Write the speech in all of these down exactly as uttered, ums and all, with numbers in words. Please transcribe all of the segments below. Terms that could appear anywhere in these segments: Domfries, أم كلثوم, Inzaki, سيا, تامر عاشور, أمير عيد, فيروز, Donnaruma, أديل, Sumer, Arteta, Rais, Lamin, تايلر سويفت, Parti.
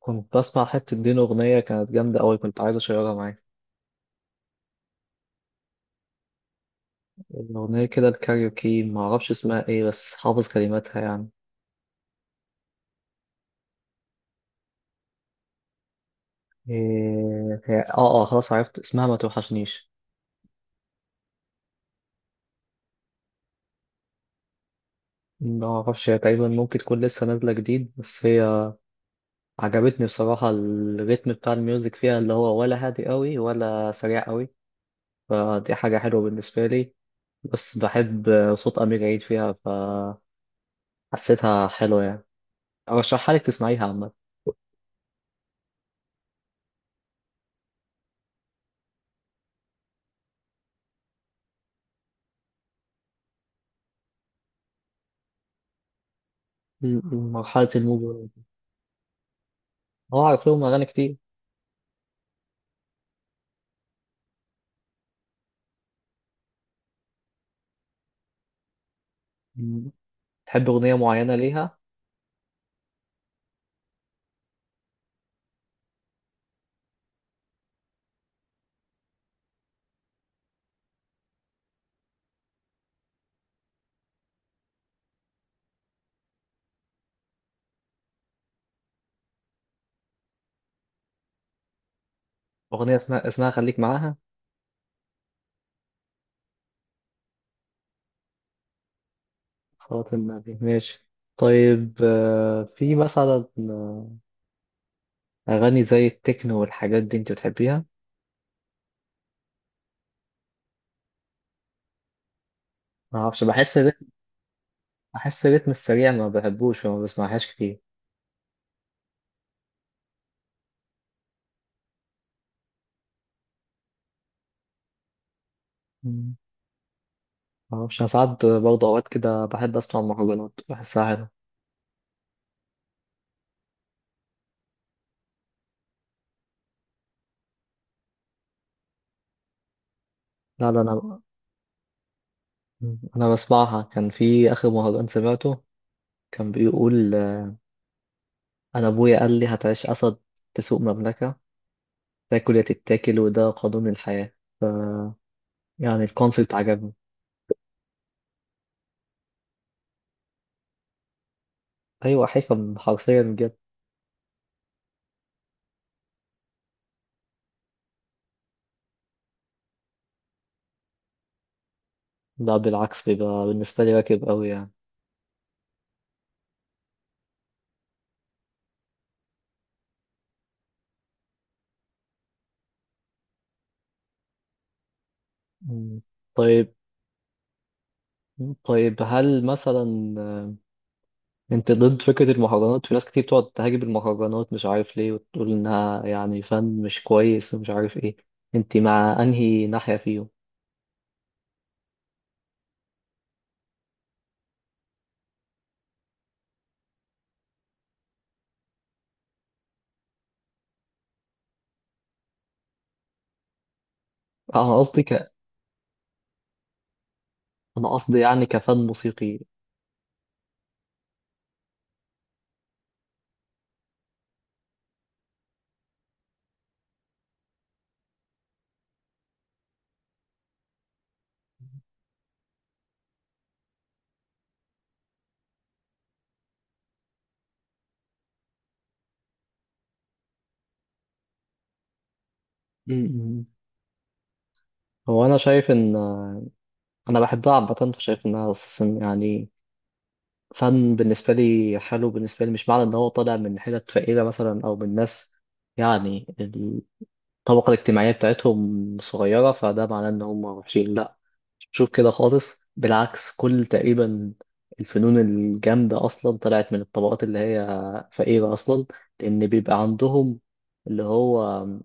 كنت بسمع حتة دين أغنية كانت جامدة أوي، كنت عايز أشيرها معاك. الأغنية كده الكاريوكي، معرفش اسمها إيه بس حافظ كلماتها يعني. إيه هي؟ آه آه، خلاص عرفت اسمها، ما توحشنيش. معرفش، هي تقريبا ممكن تكون لسه نازلة جديد، بس هي عجبتني بصراحة. الريتم بتاع الميوزك فيها اللي هو ولا هادي أوي ولا سريع أوي، فدي حاجة حلوة بالنسبة لي. بس بحب صوت أمير عيد فيها، فحسيتها حلوة يعني. أرشحها لك تسمعيها عامة. م- م- مرحلة الموج. هو عارف لهم أغاني كتير. مم. تحب أغنية معينة ليها؟ أغنية اسمها اسمها خليك معاها. صلاة النبي ماشي. طيب، آه، في مثلا أغاني زي التكنو والحاجات دي، أنت بتحبيها؟ معرفش، بحس الريتم، بحس الريتم السريع ما بحبوش فما بسمعهاش كتير. مم. معرفش، أنا ساعات برضه أوقات كده بحب أسمع مهرجانات، بحسها حلوة. لا لا أنا. مم. أنا بسمعها. كان في آخر مهرجان سمعته كان بيقول آه، أنا أبويا قال لي هتعيش أسد، تسوق مملكة، تاكل يا تتاكل وده قانون الحياة. ف يعني الكونسيبت عجبني. أيوة، حكم حرفيا بجد. لا بالعكس، بيبقى بالنسبة لي راكب أوي يعني. مم. طيب، طيب هل مثلا آه، أنت ضد فكرة المهرجانات؟ في ناس كتير بتقعد تهاجم المهرجانات مش عارف ليه، وتقول إنها يعني فن مش كويس ومش عارف إيه. أنت مع أنهي ناحية فيهم؟ أنا قصدي ك... أنا قصدي يعني كفن موسيقي. مم. هو أنا شايف إن آه، أنا بحبها عامة، فشايف إنها أساسا يعني فن بالنسبة لي. حلو بالنسبة لي، مش معنى إن هو طالع من حتت فقيرة مثلا، أو من ناس يعني الطبقة الاجتماعية بتاعتهم صغيرة، فده معناه إن هم وحشين؟ لأ. شوف كده خالص، بالعكس، كل تقريبا الفنون الجامدة أصلا طلعت من الطبقات اللي هي فقيرة أصلا، لأن بيبقى عندهم اللي هو آه،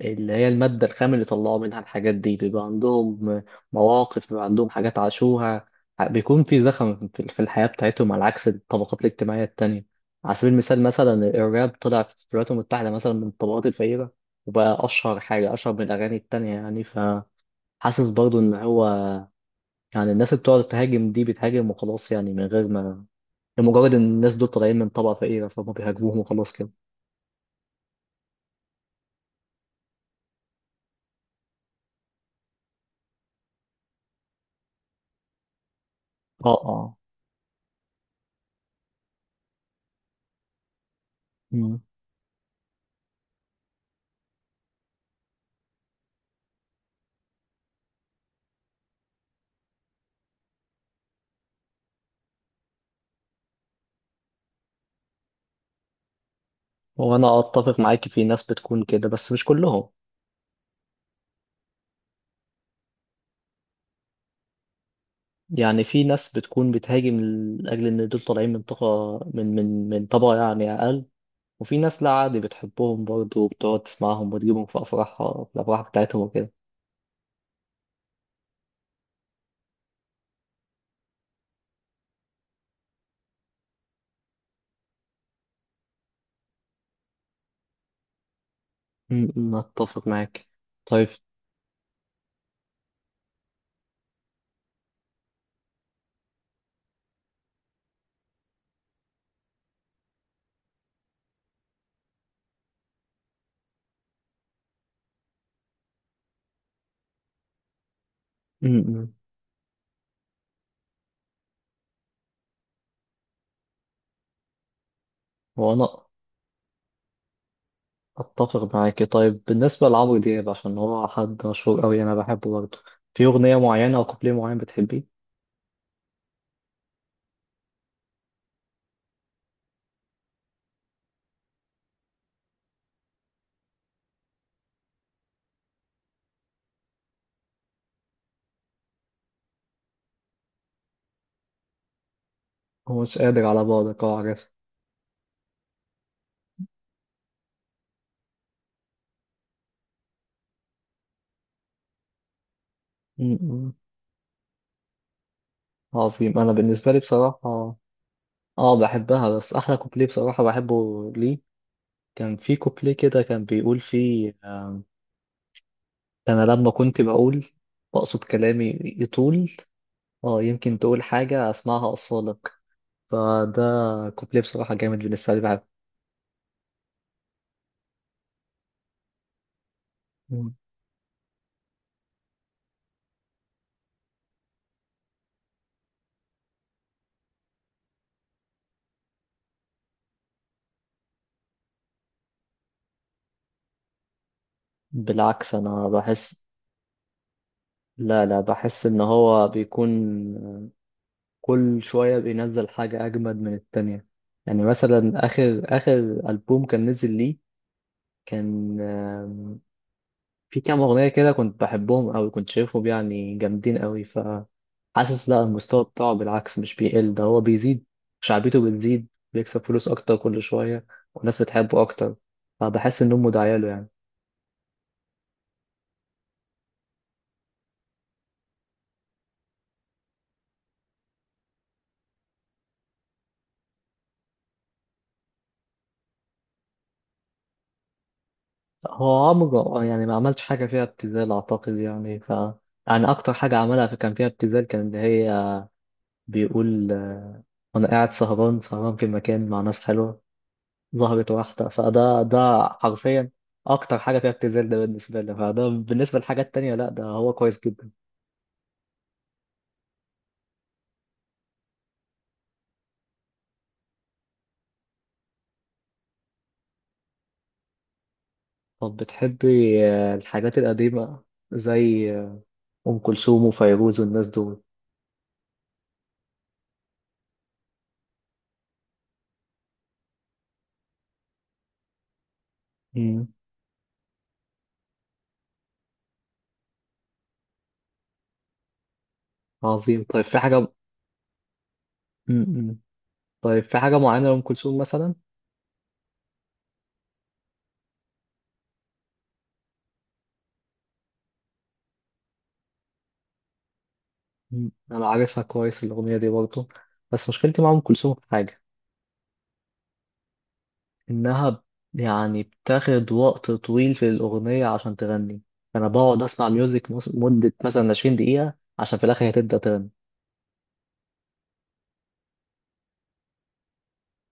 اللي هي المادة الخام اللي طلعوا منها الحاجات دي. بيبقى عندهم مواقف، بيبقى عندهم حاجات عاشوها، بيكون في زخم في في الحياة بتاعتهم، على عكس الطبقات الاجتماعية التانية. على سبيل المثال، مثلا الراب طلع في الولايات المتحدة مثلا من الطبقات الفقيرة، وبقى أشهر حاجة، أشهر من الأغاني التانية يعني. فحاسس برضو إن هو يعني الناس اللي بتقعد تهاجم دي بتهاجم وخلاص يعني، من غير ما، لمجرد ان الناس دول طالعين من طبقة فقيرة فهم بيهاجموهم وخلاص كده. اه اه. مم. وانا اتفق معاك، في ناس بتكون كده بس مش كلهم. يعني في ناس بتكون بتهاجم لاجل ان دول طالعين من طبقة من من من طبقة يعني اقل، وفي ناس لا عادي بتحبهم برضه وبتقعد تسمعهم وتجيبهم في افراحها، في الافراح بتاعتهم وكده. مم، مم، اتفق معاك. طيب. مم، مم. وانا اتفق معاكي. طيب، بالنسبه لعمرو دياب، عشان هو حد مشهور قوي، انا بحبه برضه. في اغنيه معينه او كوبليه معين بتحبيه؟ هو مش قادر على بعدك، اه عارف. م- م. عظيم. انا بالنسبه لي بصراحه، اه بحبها، بس احلى كوبليه بصراحه بحبه ليه، كان في كوبليه كده كان بيقول فيه آه، انا لما كنت بقول بقصد كلامي يطول، اه يمكن تقول حاجه اسمعها اصفالك. فده كوبليه بصراحه جامد بالنسبه لي، بحبه. م. بالعكس انا بحس. لا، لا بحس ان هو بيكون كل شوية بينزل حاجة اجمد من التانية. يعني مثلا اخر اخر ألبوم كان نزل ليه، كان آم، في كام اغنية كده كنت بحبهم اوي، كنت شايفهم يعني جامدين اوي. فحاسس لا، المستوى بتاعه بالعكس مش بيقل، ده هو بيزيد. شعبيته بتزيد، بيكسب فلوس اكتر كل شوية، والناس بتحبه اكتر، فبحس انهم داعية له يعني. هو عمره يعني ما عملش حاجة فيها ابتذال أعتقد، يعني ف يعني أكتر حاجة عملها في كان فيها ابتذال، كان إن هي بيقول آه، وأنا قاعد سهران سهران في مكان مع ناس حلوة ظهرت واحدة فده ده، حرفيا. أكتر حاجة فيها ابتذال ده بالنسبة لي، فده بالنسبة للحاجات التانية لأ، ده هو كويس جدا. طب بتحبي آه، الحاجات القديمة زي آه، أم كلثوم وفيروز والناس دول؟ مم. عظيم. طيب في حاجة. مم. مم. طيب في حاجة معينة لأم كلثوم مثلا؟ مم. انا عارفها كويس الاغنيه دي برضه. بس مشكلتي مع ام كلثوم في حاجه، انها ب- يعني بتاخد وقت طويل في الاغنيه عشان تغني. انا بقعد اسمع ميوزك مس- مده مثلا عشرين دقيقة دقيقه عشان في الاخر هي تبدا تغني.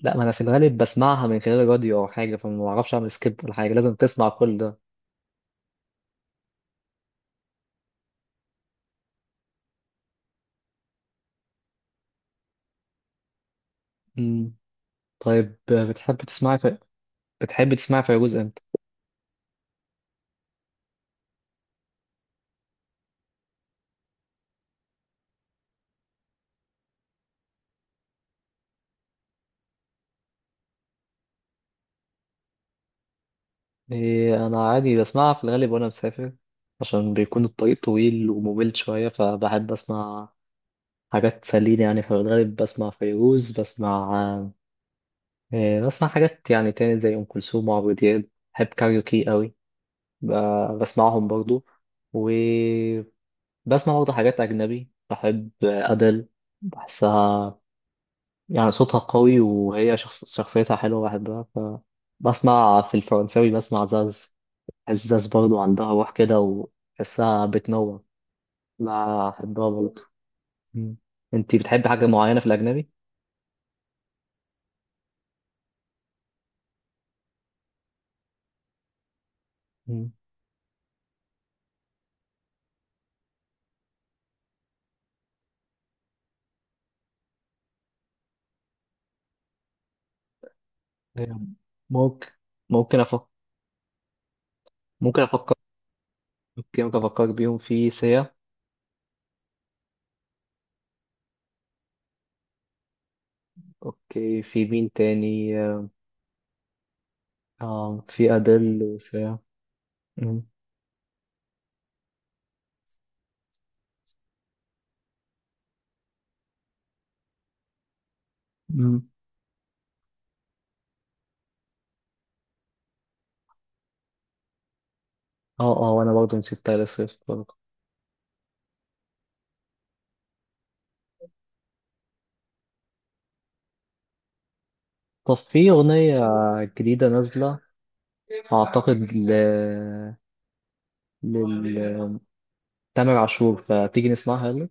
لا، ما انا في الغالب بسمعها من خلال الراديو او حاجه، فما بعرفش اعمل سكيب ولا حاجه، لازم تسمع كل ده. مم. طيب بتحب تسمعي في... بتحب تسمعي فيروز امتى؟ إيه، انا عادي بسمعها في الغالب وانا مسافر، عشان بيكون الطريق طويل وممل شويه، فبحب اسمع حاجات تسليني يعني. في الغالب بسمع فيروز، بسمع، آه، بسمع حاجات يعني تاني زي أم كلثوم وعمرو دياب. بحب كاريوكي قوي، ب- بسمعهم برضو. وبسمع برضو حاجات أجنبي، بحب أدل. بحسها يعني صوتها قوي، وهي شخص شخصيتها حلوة، بحبها. فبسمع في الفرنساوي، بسمع زاز. بحس زاز برضو عندها روح كده وبحسها بتنور، بحبها برضو. مم. انتي بتحبي حاجة معينة في الأجنبي؟ ممكن. ممكن أفكر ممكن أفكر أوكي، ممكن أفكر بيهم في سيا. أوكي، في مين تاني؟ آه، في أديل وسيا. مم. مم. اه اه، وأنا برضه نسيت تايلر سويفت برضه. طب في أغنية جديدة نازلة، أعتقد ل... لل تامر عاشور، فتيجي نسمعها.